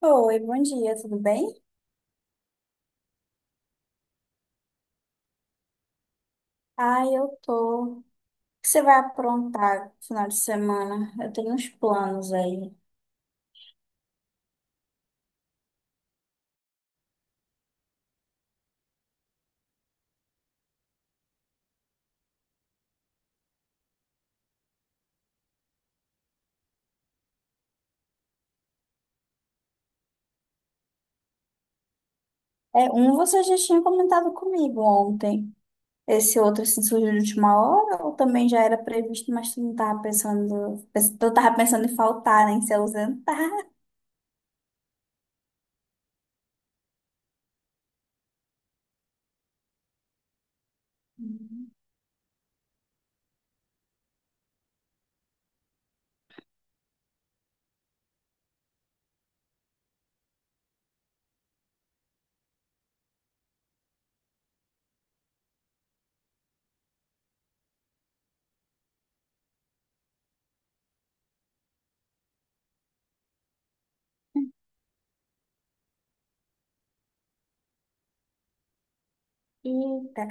Oi, bom dia, tudo bem? Ah, eu tô. O que você vai aprontar no final de semana? Eu tenho uns planos aí. É, um você já tinha comentado comigo ontem. Esse outro assim, surgiu de última hora ou também já era previsto, mas tu não tava pensando, tu tava pensando em faltar, né, em se ausentar. Hum. Eita.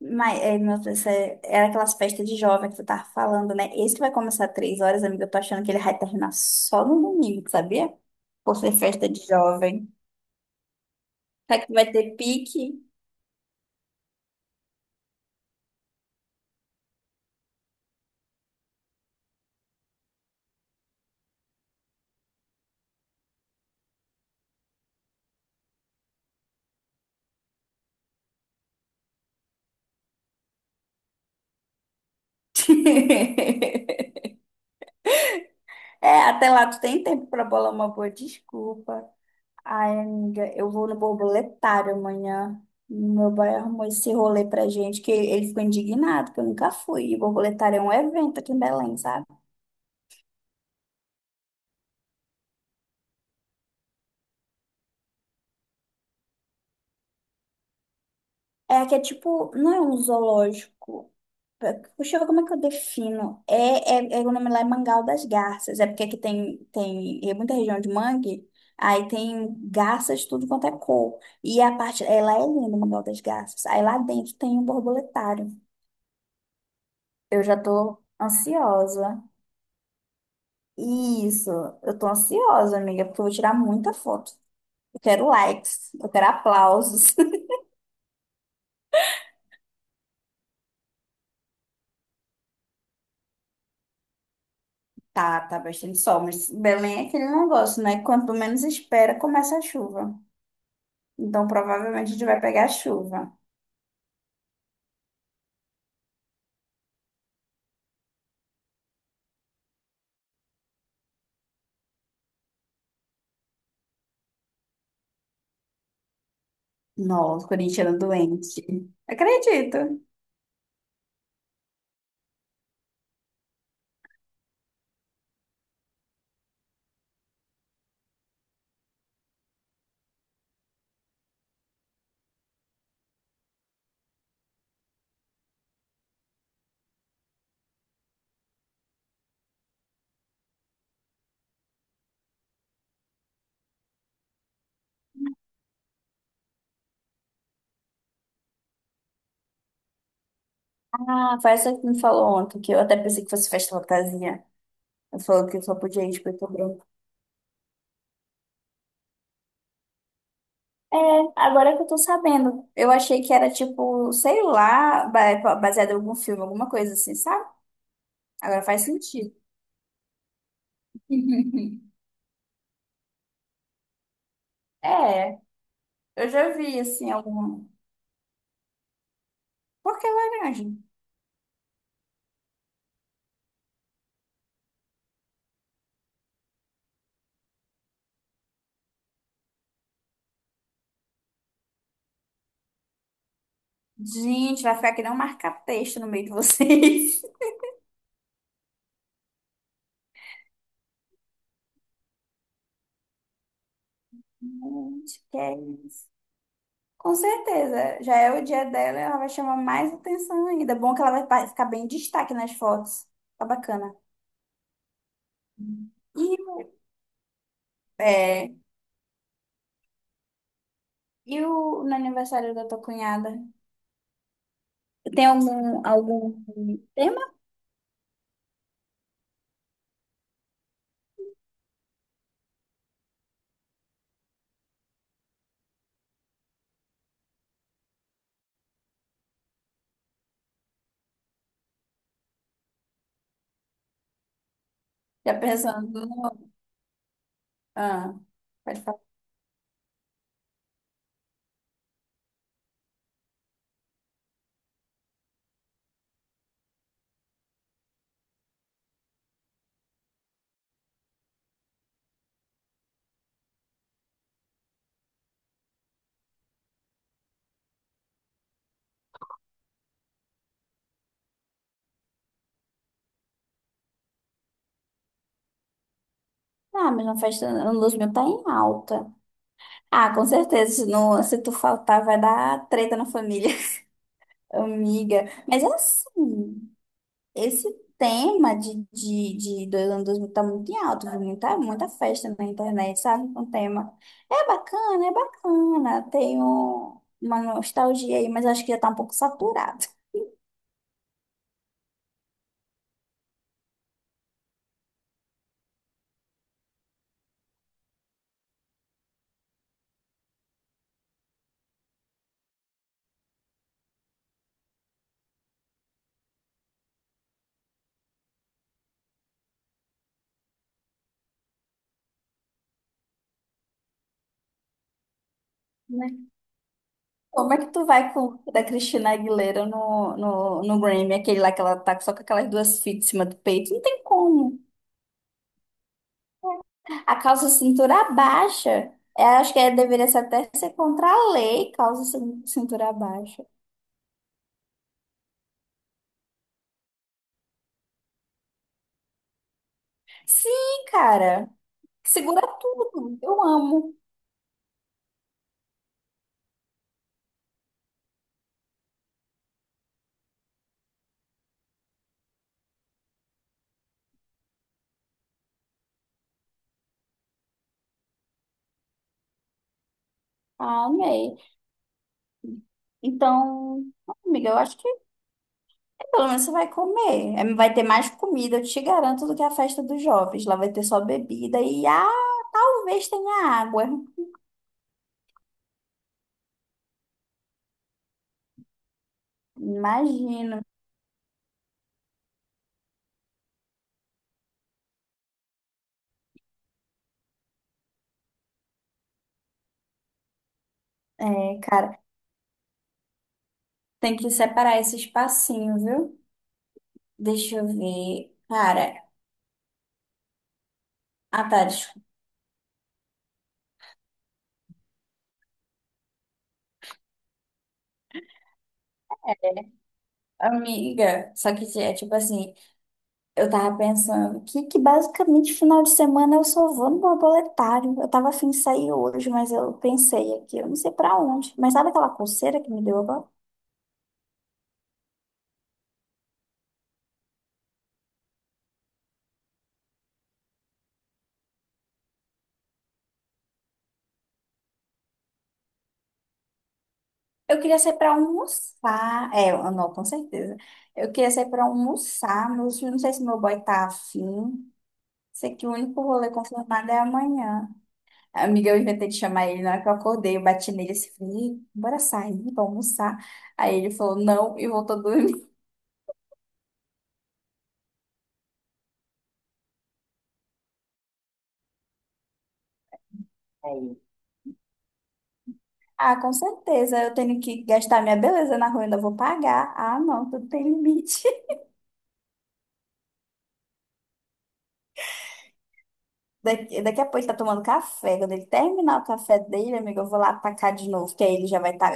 Mas, é, meu Deus, era aquelas festas de jovem que tu tava falando, né? Esse que vai começar às 3 horas, amiga, eu tô achando que ele vai terminar só no domingo, sabia? Por ser festa de jovem. Será que vai ter pique? É, até lá tu tem tempo pra bolar uma boa desculpa. Ai, amiga, eu vou no borboletário amanhã. Meu pai arrumou esse rolê pra gente, que ele ficou indignado, que eu nunca fui. E borboletário é um evento aqui em Belém, sabe? É que é tipo, não é um zoológico. Puxa, como é que eu defino? É, o nome lá é Mangal das Garças. É porque aqui tem, tem, é muita região de mangue, aí tem garças de tudo quanto é cor. E a parte, ela é linda, o Mangal das Garças. Aí lá dentro tem um borboletário. Eu já tô ansiosa. Isso, eu tô ansiosa, amiga, porque eu vou tirar muita foto. Eu quero likes, eu quero aplausos. Tá, tá bastante sol, mas Belém é aquele negócio, né? Quanto menos espera, começa a chuva. Então, provavelmente a gente vai pegar chuva. Nossa, corintiano doente. Acredito. Ah, foi essa que me falou ontem, que eu até pensei que fosse festa fantasia. Ela falou que só podia ir de preto e branco. É, agora que eu tô sabendo. Eu achei que era tipo, sei lá, baseado em algum filme, alguma coisa assim, sabe? Agora faz sentido. É, eu já vi assim algum. Por que laranja? Gente, vai ficar que nem um marca-texto no meio de vocês. Gente, que é isso? Com certeza, já é o dia dela, ela vai chamar mais atenção ainda. Bom que ela vai ficar bem em destaque nas fotos. Tá bacana. E, é, no aniversário da tua cunhada? Tem algum tema? Já pensando no. Ah, pode falar. Ah, mas na festa Luzmil tá em alta. Ah, com certeza, se, não, se tu faltar vai dar treta na família. Amiga, mas é assim. Esse tema de dois anos 2000 tá muito em alta, viu? Muita, muita festa na internet, sabe? Com tema. É bacana, é bacana. Tem uma nostalgia aí, mas acho que já tá um pouco saturado, né? Como é que tu vai com o da Cristina Aguilera no Grammy, aquele lá que ela tá só com aquelas duas fitas em cima do peito? Não tem como. A calça cintura baixa. Eu acho que deveria ser até ser contra a lei, calça cintura baixa. Sim, cara. Segura tudo. Eu amo. Ah, amei. Então, amiga, eu acho que pelo menos você vai comer. É. Vai ter mais comida, eu te garanto, do que a festa dos jovens. Lá vai ter só bebida e, ah, talvez tenha água. Imagino. É, cara, tem que separar esse espacinho, viu? Deixa eu ver. Cara, ah, tá, desculpa. Amiga, só que é tipo assim, eu tava pensando que basicamente final de semana eu só vou no borboletário. Eu tava afim de sair hoje, mas eu pensei aqui, eu não sei pra onde. Mas sabe aquela coceira que me deu agora? Eu queria sair pra almoçar. É, não, com certeza. Eu queria sair pra almoçar, mas eu não sei se meu boy tá afim. Sei que o único rolê confirmado é amanhã. Amiga, eu inventei de chamar ele na hora que eu acordei, eu bati nele assim, falei, "Ih, bora sair, vamos almoçar." Aí ele falou não e voltou a dormir. Aí, ah, com certeza, eu tenho que gastar minha beleza na rua, ainda vou pagar. Ah, não, tudo tem limite. Daqui a pouco ele tá tomando café. Quando ele terminar o café dele, amiga, eu vou lá atacar de novo, que aí ele já vai estar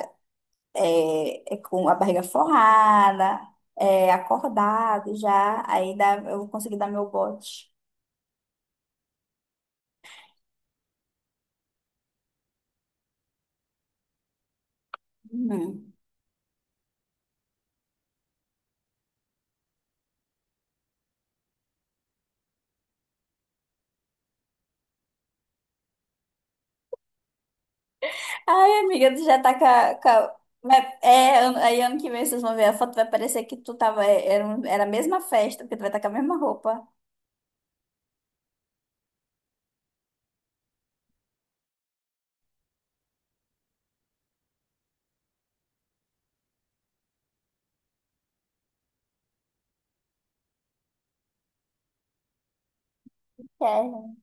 com a barriga forrada, é, acordado já. Aí dá, eu vou conseguir dar meu bote. Uhum. Ai, amiga, tu já tá com a- Mas é, aí ano que vem vocês vão ver a foto, vai parecer que tu tava... é, Era, um- era a mesma festa, porque tu vai estar com a mesma roupa. É.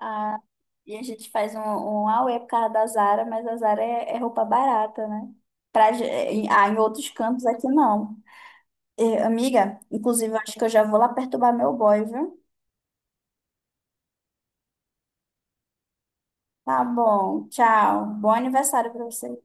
Ah, e a gente faz um auê por causa da Zara, mas a Zara é roupa barata, né? Pra, em outros cantos aqui não. E, amiga, inclusive eu acho que eu já vou lá perturbar meu boy, viu? Tá bom, tchau. Bom aniversário pra você.